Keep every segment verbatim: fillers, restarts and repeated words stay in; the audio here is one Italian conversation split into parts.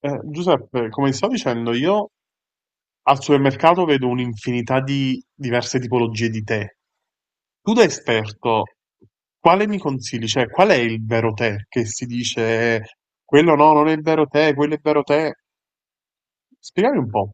Eh, Giuseppe, come ti stavo dicendo, io al supermercato vedo un'infinità di diverse tipologie di tè. Tu da esperto, quale mi consigli? Cioè, qual è il vero tè che si dice eh, quello no, non è il vero tè, quello è il vero tè? Spiegami un po'.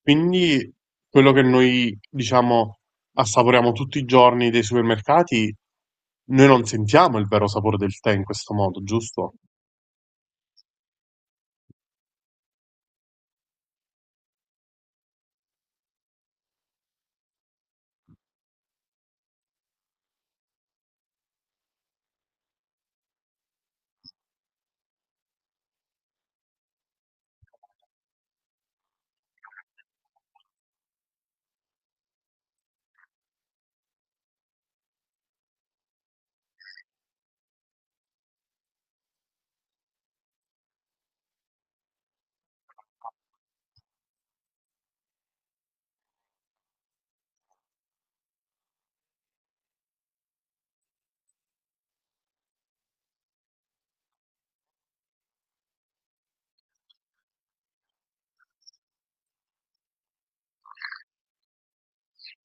Quindi, quello che noi, diciamo, assaporiamo tutti i giorni dei supermercati, noi non sentiamo il vero sapore del tè in questo modo, giusto?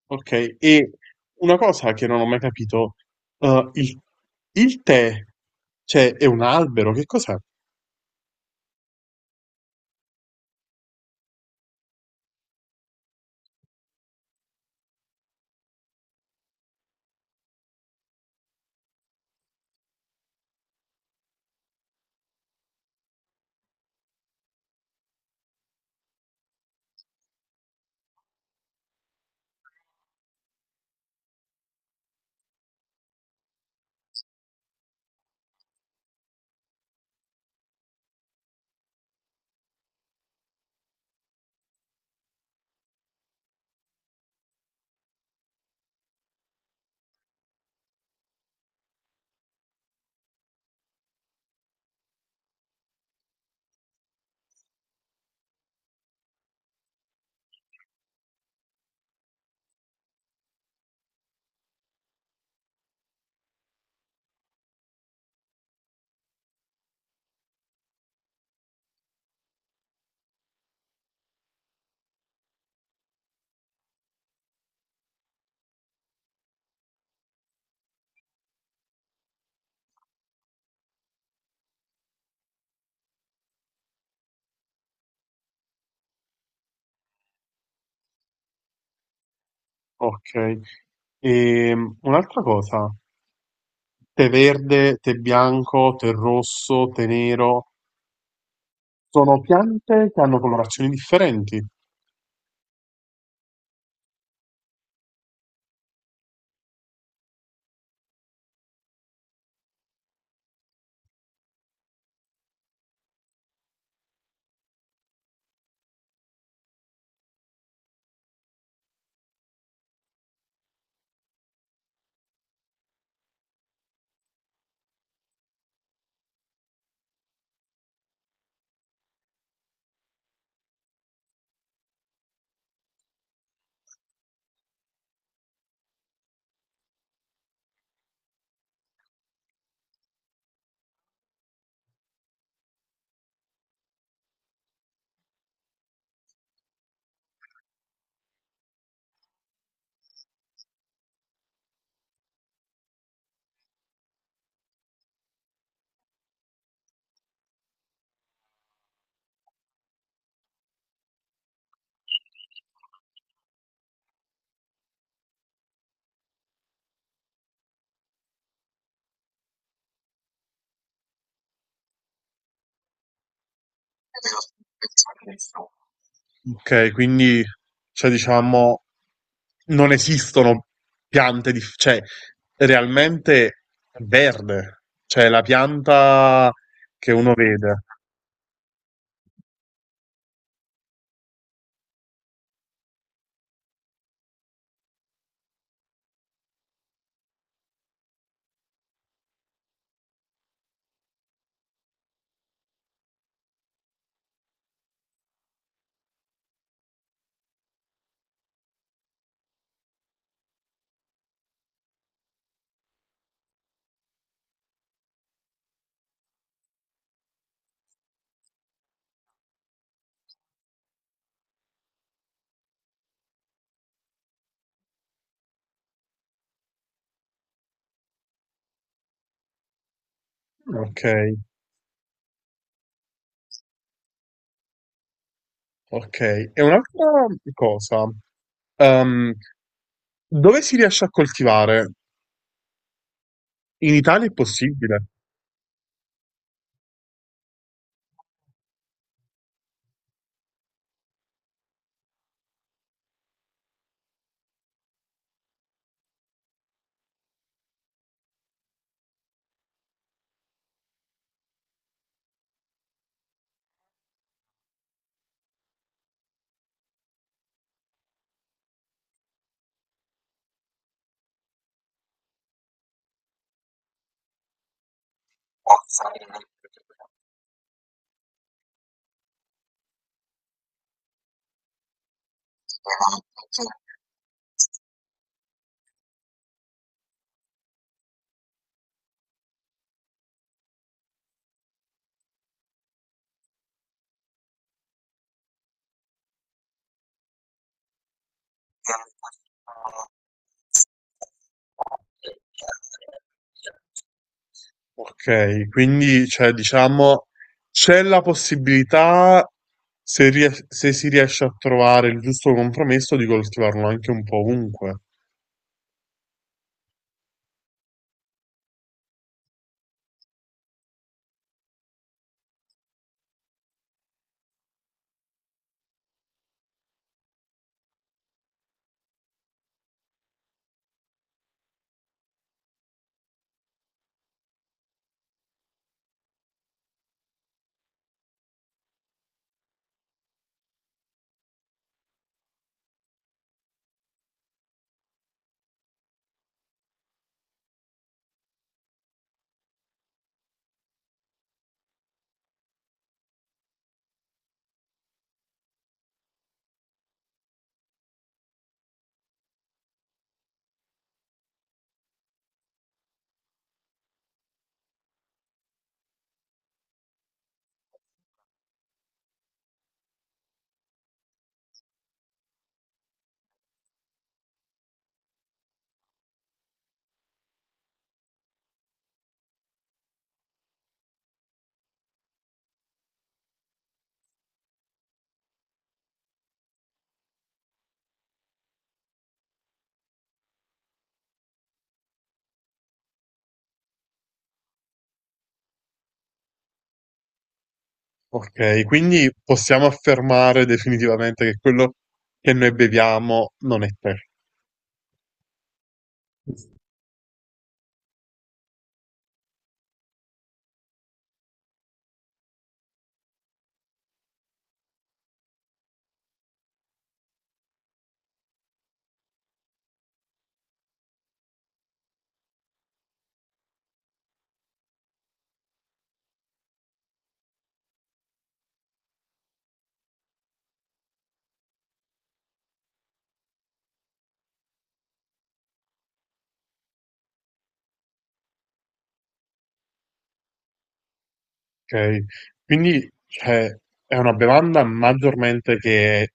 Ok, e una cosa che non ho mai capito, eh, il, il tè, cioè, è un albero, che cos'è? Ok, e un'altra cosa, tè verde, tè bianco, tè rosso, tè nero, sono piante che hanno colorazioni differenti. Ok, quindi, cioè, diciamo, non esistono piante, dif- cioè, realmente è verde, cioè, la pianta che uno vede. Ok, ok. E un'altra cosa, ehm, dove si riesce a coltivare? In Italia è possibile. Ok, quindi cioè, diciamo c'è la possibilità, se, ries- se si riesce a trovare il giusto compromesso, di coltivarlo anche un po' ovunque. Ok, quindi possiamo affermare definitivamente che quello che noi beviamo non è tè. Okay. Quindi, cioè, è una bevanda maggiormente che è,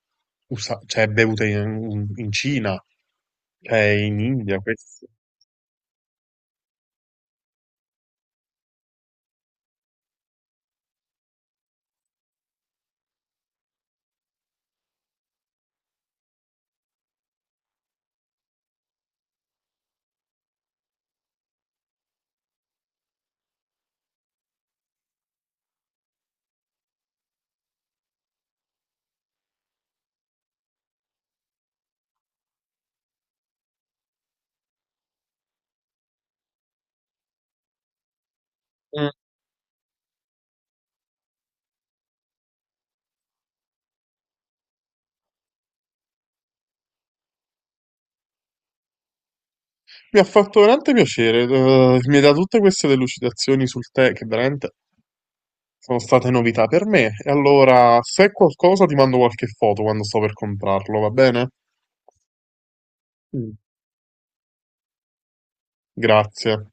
usa cioè è bevuta in in Cina, cioè in India questo. Mh. Mi ha fatto veramente piacere, uhm, mi hai dato tutte queste delucidazioni sul tè che veramente sono state novità per me. E allora, se è qualcosa ti mando qualche foto quando sto per comprarlo, va bene? Mh. Grazie.